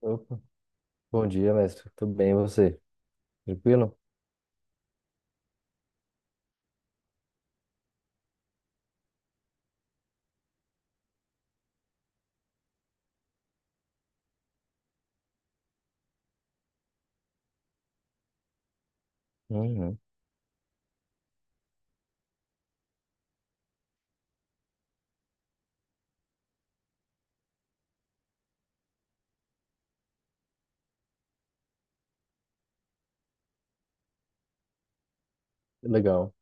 Opa. Bom dia, mestre. Tudo bem, e você? Tranquilo? Uhum. Legal.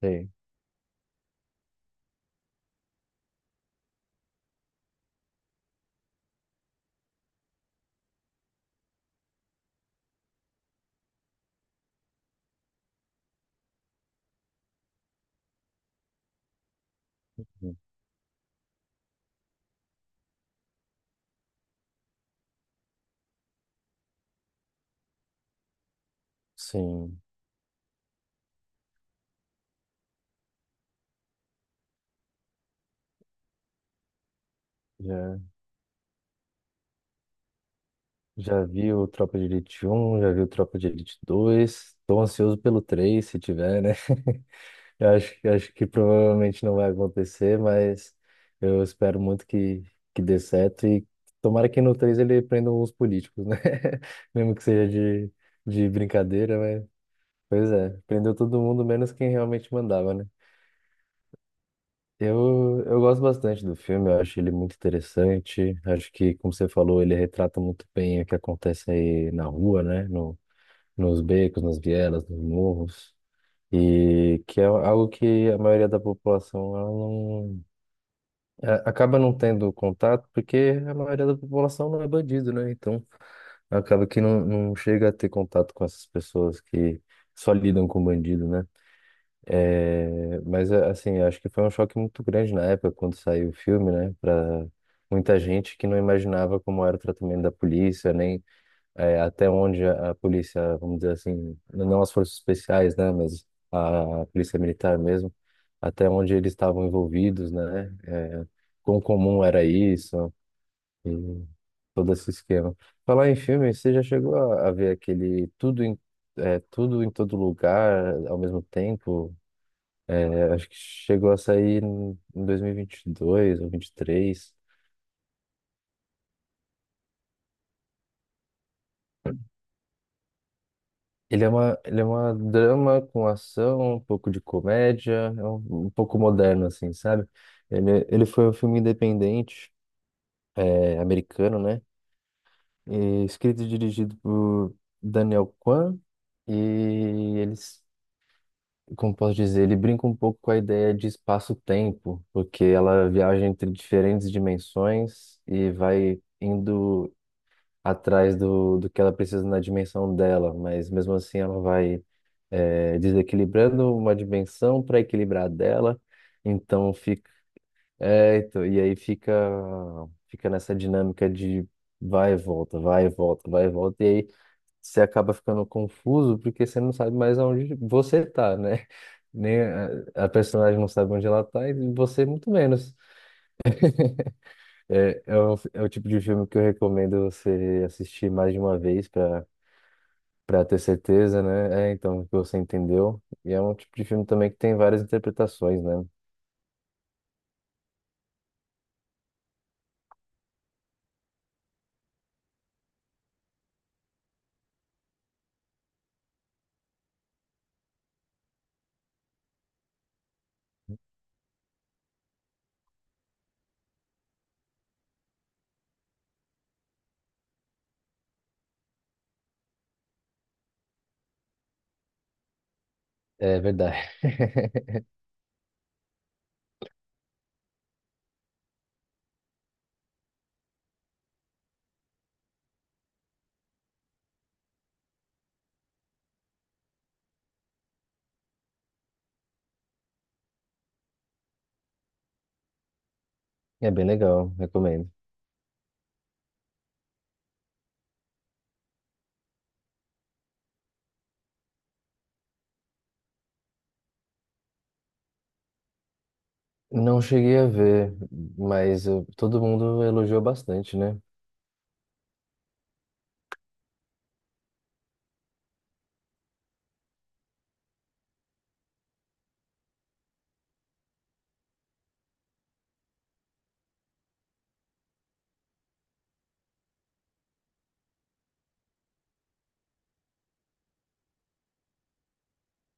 Sei. Sim. Já, já vi o Tropa de Elite 1, já vi o Tropa de Elite 2. Estou ansioso pelo 3, se tiver, né? Eu acho que provavelmente não vai acontecer, mas eu espero muito que dê certo. E tomara que no 3 ele prenda uns políticos, né? Mesmo que seja de brincadeira, mas... Pois é, prendeu todo mundo, menos quem realmente mandava, né? Eu gosto bastante do filme, eu acho ele muito interessante. Acho que, como você falou, ele retrata muito bem o que acontece aí na rua, né? No, Nos becos, nas vielas, nos morros. E que é algo que a maioria da população ela não, é, acaba não tendo contato, porque a maioria da população não é bandido, né? Então acaba que não chega a ter contato com essas pessoas que só lidam com bandido, né? É, mas assim, acho que foi um choque muito grande na época quando saiu o filme, né? Para muita gente que não imaginava como era o tratamento da polícia, nem até onde a polícia, vamos dizer assim, não as forças especiais, né? Mas a polícia militar mesmo, até onde eles estavam envolvidos, né? É, quão comum era isso e todo esse esquema. Falar em filme, você já chegou a ver aquele tudo tudo em todo lugar ao mesmo tempo? É, acho que chegou a sair em 2022 ou 23. Ele é uma drama com ação, um pouco de comédia, é um pouco moderno, assim, sabe? Ele foi um filme independente, americano, né? E escrito e dirigido por Daniel Kwan. E eles, como posso dizer, ele brinca um pouco com a ideia de espaço-tempo, porque ela viaja entre diferentes dimensões e vai indo atrás do que ela precisa na dimensão dela, mas mesmo assim ela vai desequilibrando uma dimensão para equilibrar a dela, então e aí fica nessa dinâmica de vai e volta, vai e volta, vai e volta, e aí você acaba ficando confuso porque você não sabe mais onde você tá, né? Nem a personagem não sabe onde ela tá e você muito menos. É o tipo de filme que eu recomendo você assistir mais de uma vez para Pra ter certeza, né? É, então, o que você entendeu. E é um tipo de filme também que tem várias interpretações, né? É verdade. É bem legal, recomendo. Não cheguei a ver, mas todo mundo elogiou bastante, né?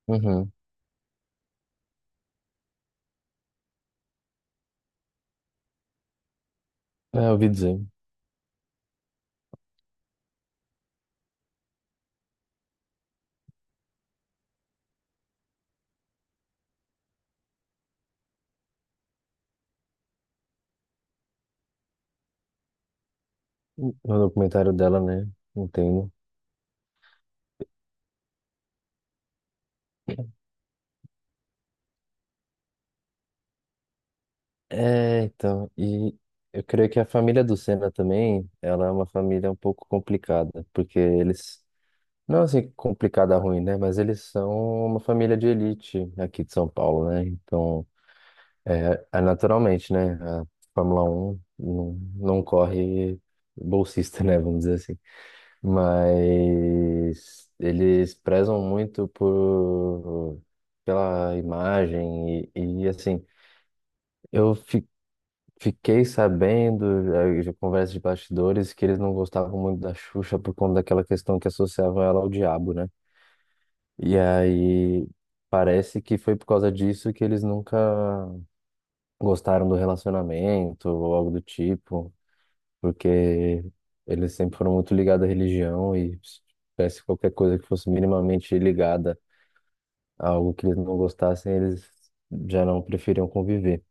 Uhum. É, eu ouvi dizer. No documentário dela, né? Entendo. É, então, e eu creio que a família do Senna também, ela é uma família um pouco complicada, porque eles não é assim complicada ruim, né? Mas eles são uma família de elite aqui de São Paulo, né? Então, é, é naturalmente, né? A Fórmula Um não corre bolsista, né? Vamos dizer assim. Mas eles prezam muito por pela imagem e assim, eu fi- Fiquei sabendo, de conversa de bastidores, que eles não gostavam muito da Xuxa por conta daquela questão que associavam ela ao diabo, né? E aí parece que foi por causa disso que eles nunca gostaram do relacionamento ou algo do tipo, porque eles sempre foram muito ligados à religião e se tivesse qualquer coisa que fosse minimamente ligada a algo que eles não gostassem, eles já não preferiam conviver.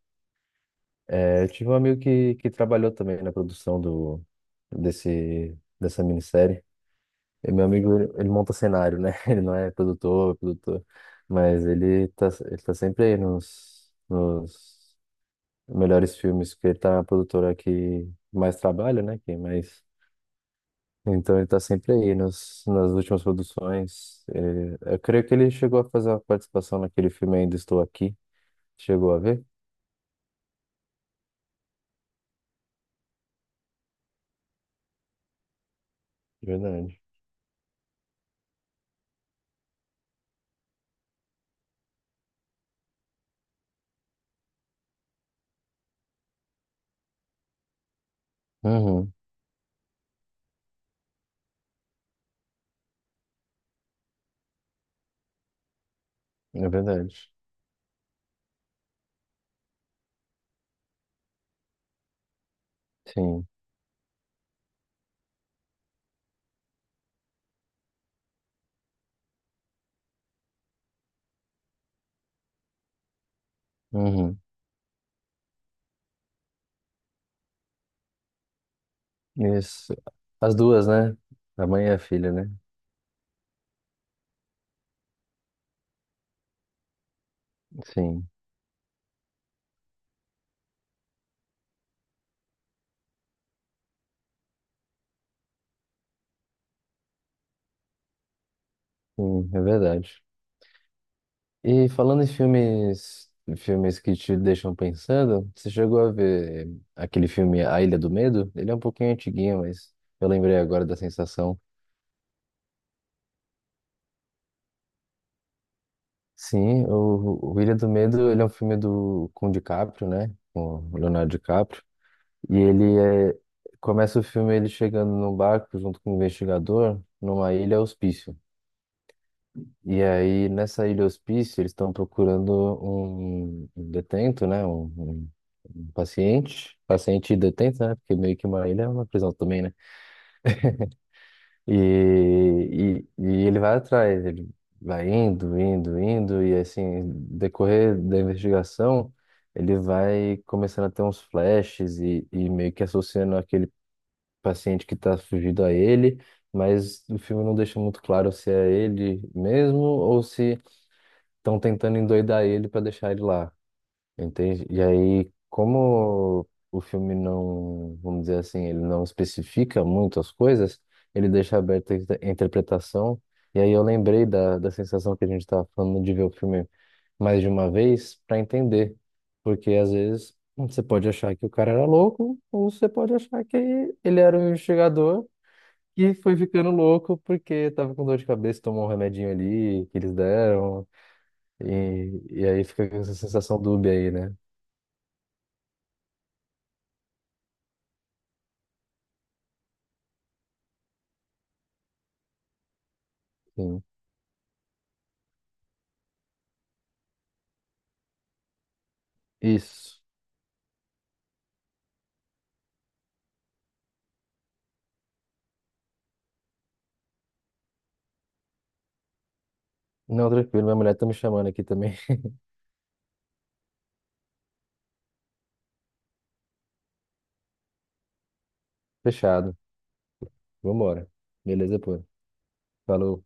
É, eu tive um amigo que trabalhou também na produção desse, dessa minissérie. E meu amigo, ele monta cenário, né? Ele não é produtor, produtor, mas ele tá sempre aí nos melhores filmes, porque ele tá na produtora que mais trabalha, né? Que mais... Então ele tá sempre aí nas últimas produções. Eu creio que ele chegou a fazer uma participação naquele filme Ainda Estou Aqui. Chegou a ver? Verdade. Uhum, é verdade. Sim. Uhum. Isso. As duas, né? A mãe e a filha, né? Sim. Sim, é verdade. E falando em filmes, filmes que te deixam pensando, você chegou a ver aquele filme A Ilha do Medo? Ele é um pouquinho antiguinho, mas eu lembrei agora da sensação. Sim, o Ilha do Medo, ele é um filme do com o DiCaprio, né? Com o Leonardo DiCaprio. E ele é, começa o filme ele chegando num barco junto com um investigador numa ilha hospício. E aí, nessa ilha hospício, eles estão procurando um detento, né? Um paciente, paciente e detento, né? Porque meio que uma ilha é uma prisão também, né? E, e ele vai atrás, ele vai indo, indo, indo, e assim, decorrer da investigação, ele vai começando a ter uns flashes e meio que associando aquele paciente que está fugido a ele, mas o filme não deixa muito claro se é ele mesmo ou se estão tentando endoidar ele para deixar ele lá, entende? E aí, como o filme não, vamos dizer assim, ele não especifica muito as coisas, ele deixa aberta a a interpretação. E aí eu lembrei da sensação que a gente estava falando de ver o filme mais de uma vez para entender, porque às vezes você pode achar que o cara era louco, ou você pode achar que ele era um investigador que foi ficando louco porque tava com dor de cabeça, tomou um remedinho ali que eles deram. E aí fica com essa sensação dúbia aí, né? Sim. Isso. Não, tranquilo, minha mulher tá me chamando aqui também. Fechado. Vambora. Beleza, pô. Falou.